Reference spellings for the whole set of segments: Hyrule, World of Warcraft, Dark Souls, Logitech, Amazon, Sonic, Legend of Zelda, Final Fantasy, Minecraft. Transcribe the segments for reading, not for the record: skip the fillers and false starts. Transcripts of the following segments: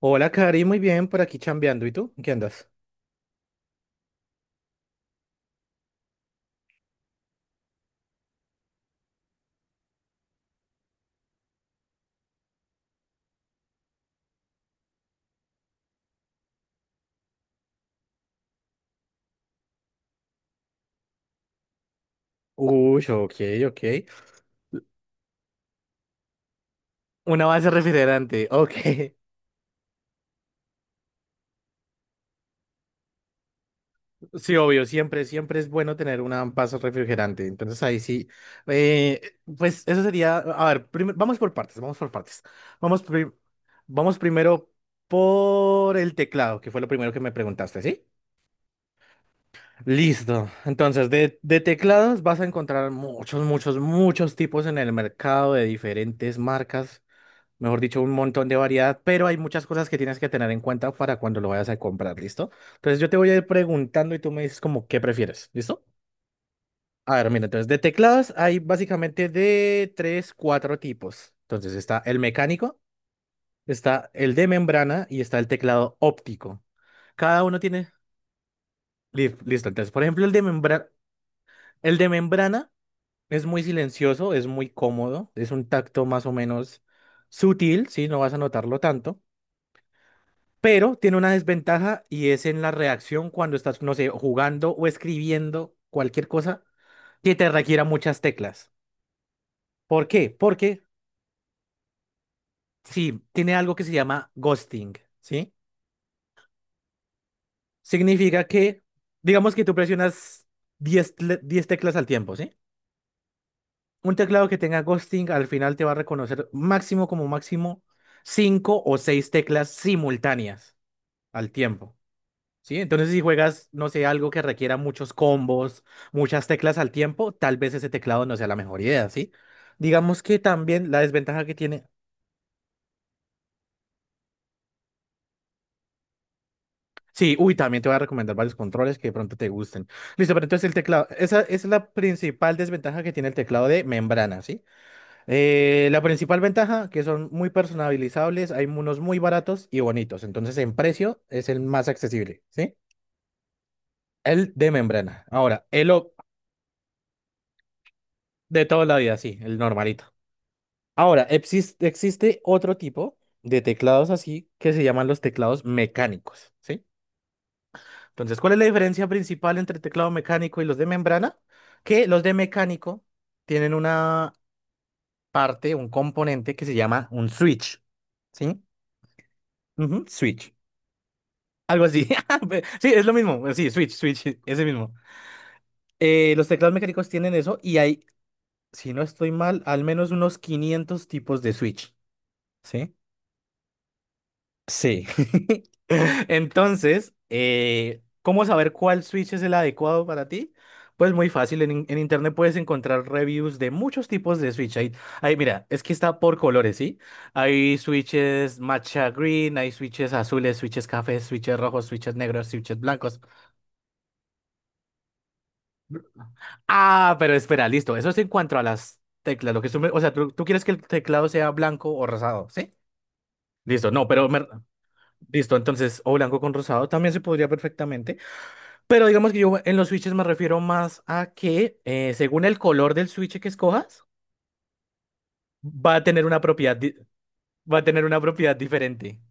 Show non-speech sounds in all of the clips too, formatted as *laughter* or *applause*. Hola, Cari, muy bien, por aquí chambeando. ¿Y tú? ¿En ¿Qué andas? Uy, ok, ok. Una base refrigerante, ok. *laughs* Sí, obvio, siempre es bueno tener una base refrigerante. Entonces ahí sí. eh, pues eso sería, a ver, vamos por partes, vamos por partes. Vamos, pri- vamos primero por el teclado, que fue lo primero que me preguntaste, ¿sí? Listo. Entonces, de teclados vas a encontrar muchos, muchos, muchos tipos en el mercado de diferentes marcas. Mejor dicho, un montón de variedad, pero hay muchas cosas que tienes que tener en cuenta para cuando lo vayas a comprar, ¿listo? Entonces yo te voy a ir preguntando y tú me dices como qué prefieres, ¿listo? A ver, mira, entonces de teclados hay básicamente de tres, cuatro tipos. Entonces está el mecánico, está el de membrana y está el teclado óptico. Cada uno tiene. Listo, entonces, por ejemplo, el de membrana es muy silencioso, es muy cómodo, es un tacto más o menos sutil, ¿sí? No vas a notarlo tanto. Pero tiene una desventaja y es en la reacción cuando estás, no sé, jugando o escribiendo cualquier cosa que te requiera muchas teclas. ¿Por qué? Porque sí, tiene algo que se llama ghosting, ¿sí? Significa que, digamos que tú presionas 10 teclas al tiempo, ¿sí? Un teclado que tenga ghosting al final te va a reconocer máximo como máximo 5 o 6 teclas simultáneas al tiempo. Sí, entonces si juegas, no sé, algo que requiera muchos combos, muchas teclas al tiempo, tal vez ese teclado no sea la mejor idea, ¿sí? Digamos que también la desventaja que tiene. Sí, uy, también te voy a recomendar varios controles que de pronto te gusten. Listo, pero entonces el teclado, esa es la principal desventaja que tiene el teclado de membrana, ¿sí? La principal ventaja, que son muy personalizables, hay unos muy baratos y bonitos, entonces en precio es el más accesible, ¿sí? El de membrana. Ahora, de toda la vida, sí, el normalito. Ahora, existe otro tipo de teclados así que se llaman los teclados mecánicos, ¿sí? Entonces, ¿cuál es la diferencia principal entre el teclado mecánico y los de membrana? Que los de mecánico tienen una parte, un componente que se llama un switch, ¿sí? Ujú, switch. Algo así. *laughs* Sí, es lo mismo. Sí, switch, switch, *laughs* sí, ese mismo. Los teclados mecánicos tienen eso y hay, si no estoy mal, al menos unos 500 tipos de switch, ¿sí? Sí. *laughs* Entonces, ¿cómo saber cuál switch es el adecuado para ti? Pues muy fácil, en internet puedes encontrar reviews de muchos tipos de switch. Hay, mira, es que está por colores, ¿sí? Hay switches matcha green, hay switches azules, switches cafés, switches rojos, switches negros, switches blancos. Ah, pero espera, listo. Eso es en cuanto a las teclas. Lo que tú me- O sea, tú quieres que el teclado sea blanco o rosado, ¿sí? Listo, no, listo, entonces, o blanco con rosado también se podría perfectamente. Pero digamos que yo en los switches me refiero más a que según el color del switch que escojas, va a tener una propiedad, di- va a tener una propiedad diferente.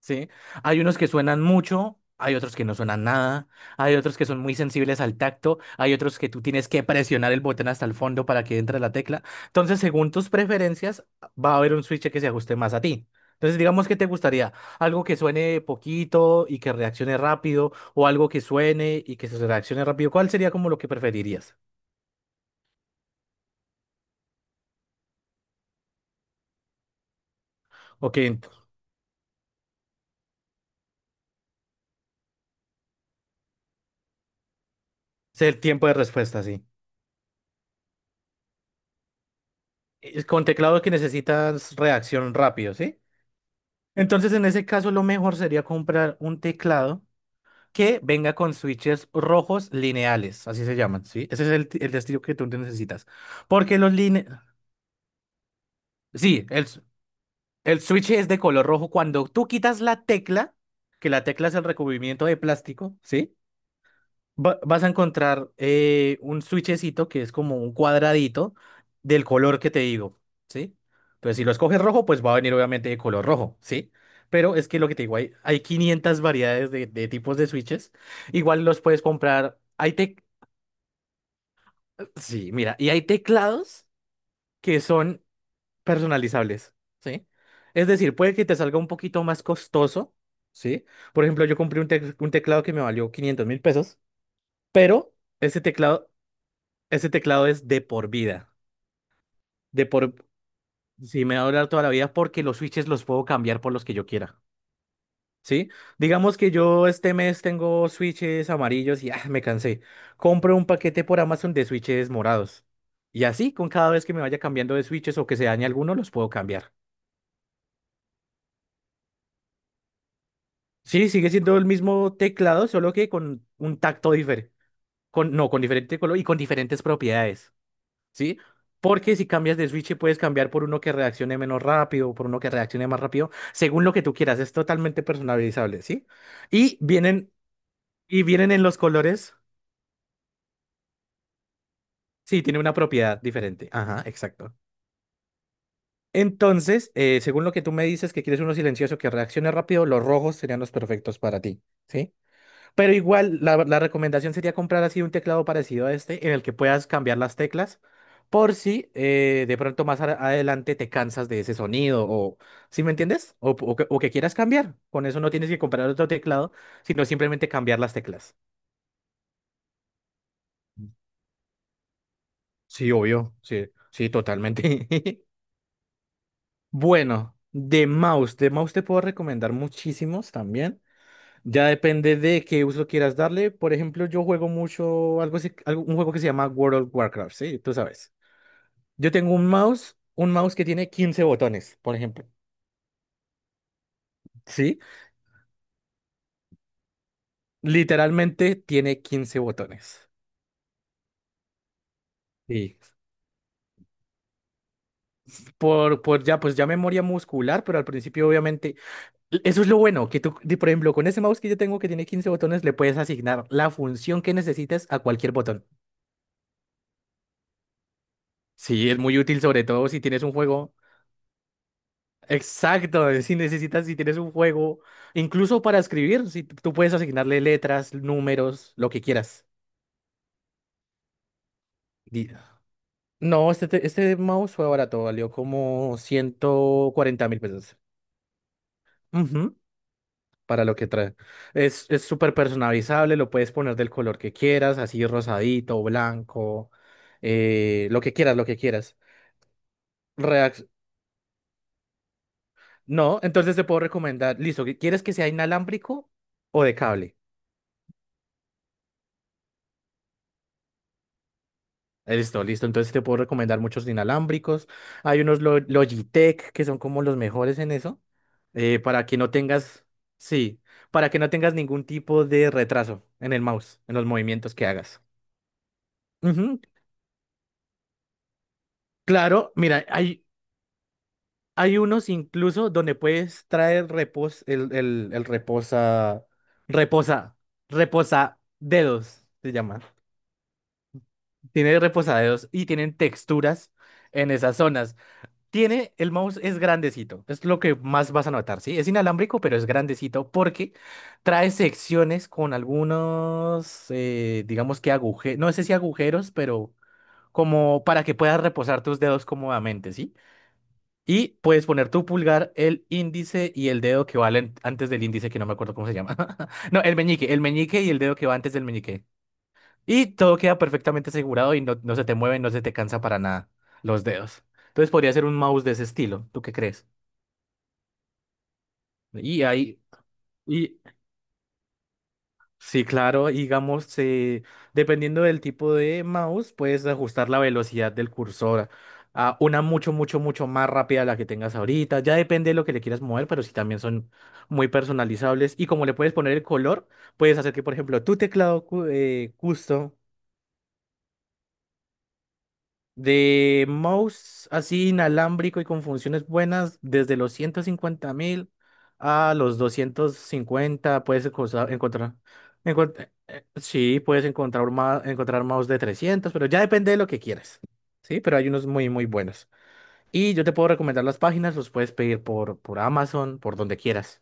Sí, hay unos que suenan mucho, hay otros que no suenan nada, hay otros que son muy sensibles al tacto, hay otros que tú tienes que presionar el botón hasta el fondo para que entre la tecla. Entonces, según tus preferencias, va a haber un switch que se ajuste más a ti. Entonces, digamos que te gustaría algo que suene poquito y que reaccione rápido, o algo que suene y que se reaccione rápido. ¿Cuál sería como lo que preferirías? Ok, ent- es el tiempo de respuesta, sí. Es Con teclado que necesitas reacción rápido, ¿sí? Entonces, en ese caso, lo mejor sería comprar un teclado que venga con switches rojos lineales, así se llaman, ¿sí? Ese es el estilo que tú necesitas. Porque los lineales. Sí, el switch es de color rojo. Cuando tú quitas la tecla, que la tecla es el recubrimiento de plástico, ¿sí? vas a encontrar un switchecito que es como un cuadradito del color que te digo, ¿sí? Entonces, si lo escoges rojo, pues va a venir obviamente de color rojo, ¿sí? Pero es que lo que te digo, hay 500 variedades de tipos de switches. Igual los puedes comprar. Sí, mira, y hay teclados que son personalizables, ¿sí? Es decir, puede que te salga un poquito más costoso, ¿sí? Por ejemplo, yo compré un teclado que me valió 500.000 pesos, pero. Ese teclado Ese teclado es de por vida. De por. Si me va a durar toda la vida porque los switches los puedo cambiar por los que yo quiera. ¿Sí? Digamos que yo este mes tengo switches amarillos y ah, me cansé. Compro un paquete por Amazon de switches morados. Y así, con cada vez que me vaya cambiando de switches o que se dañe alguno, los puedo cambiar. Sí, sigue siendo el mismo teclado, solo que con un tacto diferente. Con, no, con diferente color y con diferentes propiedades. ¿Sí? Porque si cambias de switch, puedes cambiar por uno que reaccione menos rápido, por uno que reaccione más rápido, según lo que tú quieras. Es totalmente personalizable, ¿sí? Y vienen, y vienen en los colores. Sí, tiene una propiedad diferente. Ajá, exacto. Entonces, según lo que tú me dices, que quieres uno silencioso que reaccione rápido, los rojos serían los perfectos para ti, ¿sí? Pero igual, la recomendación sería comprar así un teclado parecido a este, en el que puedas cambiar las teclas, por si de pronto más adelante te cansas de ese sonido, o ¿sí me entiendes? O que quieras cambiar. Con eso no tienes que comprar otro teclado, sino simplemente cambiar las teclas. Sí, obvio, sí, sí, totalmente. *laughs* Bueno, de mouse te puedo recomendar muchísimos también. Ya depende de qué uso quieras darle. Por ejemplo, yo juego mucho algo, un juego que se llama World of Warcraft, ¿sí? Tú sabes. Yo tengo un mouse que tiene 15 botones, por ejemplo. ¿Sí? Literalmente tiene 15 botones. Sí. Por ya, pues ya memoria muscular, pero al principio obviamente. Eso es lo bueno, que tú, por ejemplo, con ese mouse que yo tengo que tiene 15 botones, le puedes asignar la función que necesites a cualquier botón. Sí, es muy útil, sobre todo si tienes un juego. Exacto, si tienes un juego, incluso para escribir, si tú puedes asignarle letras, números, lo que quieras. Di- No, este mouse fue barato, valió como 140 mil pesos. Ujú, para lo que trae. Es súper personalizable, lo puedes poner del color que quieras, así rosadito, blanco, lo que quieras, lo que quieras. Reac- No, entonces te puedo recomendar, listo, ¿quieres que sea inalámbrico o de cable? Listo, listo. Entonces sí te puedo recomendar muchos inalámbricos. Hay unos Logitech que son como los mejores en eso. Para que no tengas, Sí, para que no tengas ningún tipo de retraso en el mouse, en los movimientos que hagas. Ujú, claro, mira, hay unos incluso donde puedes traer repos, el reposa, reposa, dedos, se llama. Tiene reposadedos y tienen texturas en esas zonas. Tiene, el mouse es grandecito, es lo que más vas a notar, ¿sí? Es inalámbrico, pero es grandecito porque trae secciones con algunos, digamos que agujeros, no sé si agujeros, pero como para que puedas reposar tus dedos cómodamente, ¿sí? Y puedes poner tu pulgar, el índice y el dedo que va antes del índice, que no me acuerdo cómo se llama. *laughs* No, el meñique y el dedo que va antes del meñique. Y todo queda perfectamente asegurado y no, no se te mueve, no se te cansa para nada los dedos. Entonces podría ser un mouse de ese estilo. ¿Tú qué crees? Y ahí, y sí, claro, digamos, dependiendo del tipo de mouse, puedes ajustar la velocidad del cursor a una mucho, mucho, mucho más rápida a la que tengas ahorita. Ya depende de lo que le quieras mover, pero sí también son muy personalizables. Y como le puedes poner el color, puedes hacer que, por ejemplo, tu teclado custom. De mouse así inalámbrico y con funciones buenas, desde los 150.000 a los 250 puedes encontrar. Sí, puedes encontrar, encontrar mouse de trescientos, pero ya depende de lo que quieras. Sí, pero hay unos muy, muy buenos. Y yo te puedo recomendar las páginas, los puedes pedir por, Amazon, por donde quieras.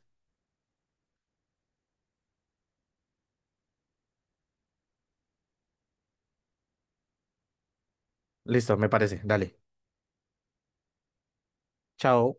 Listo, me parece. Dale. Chao.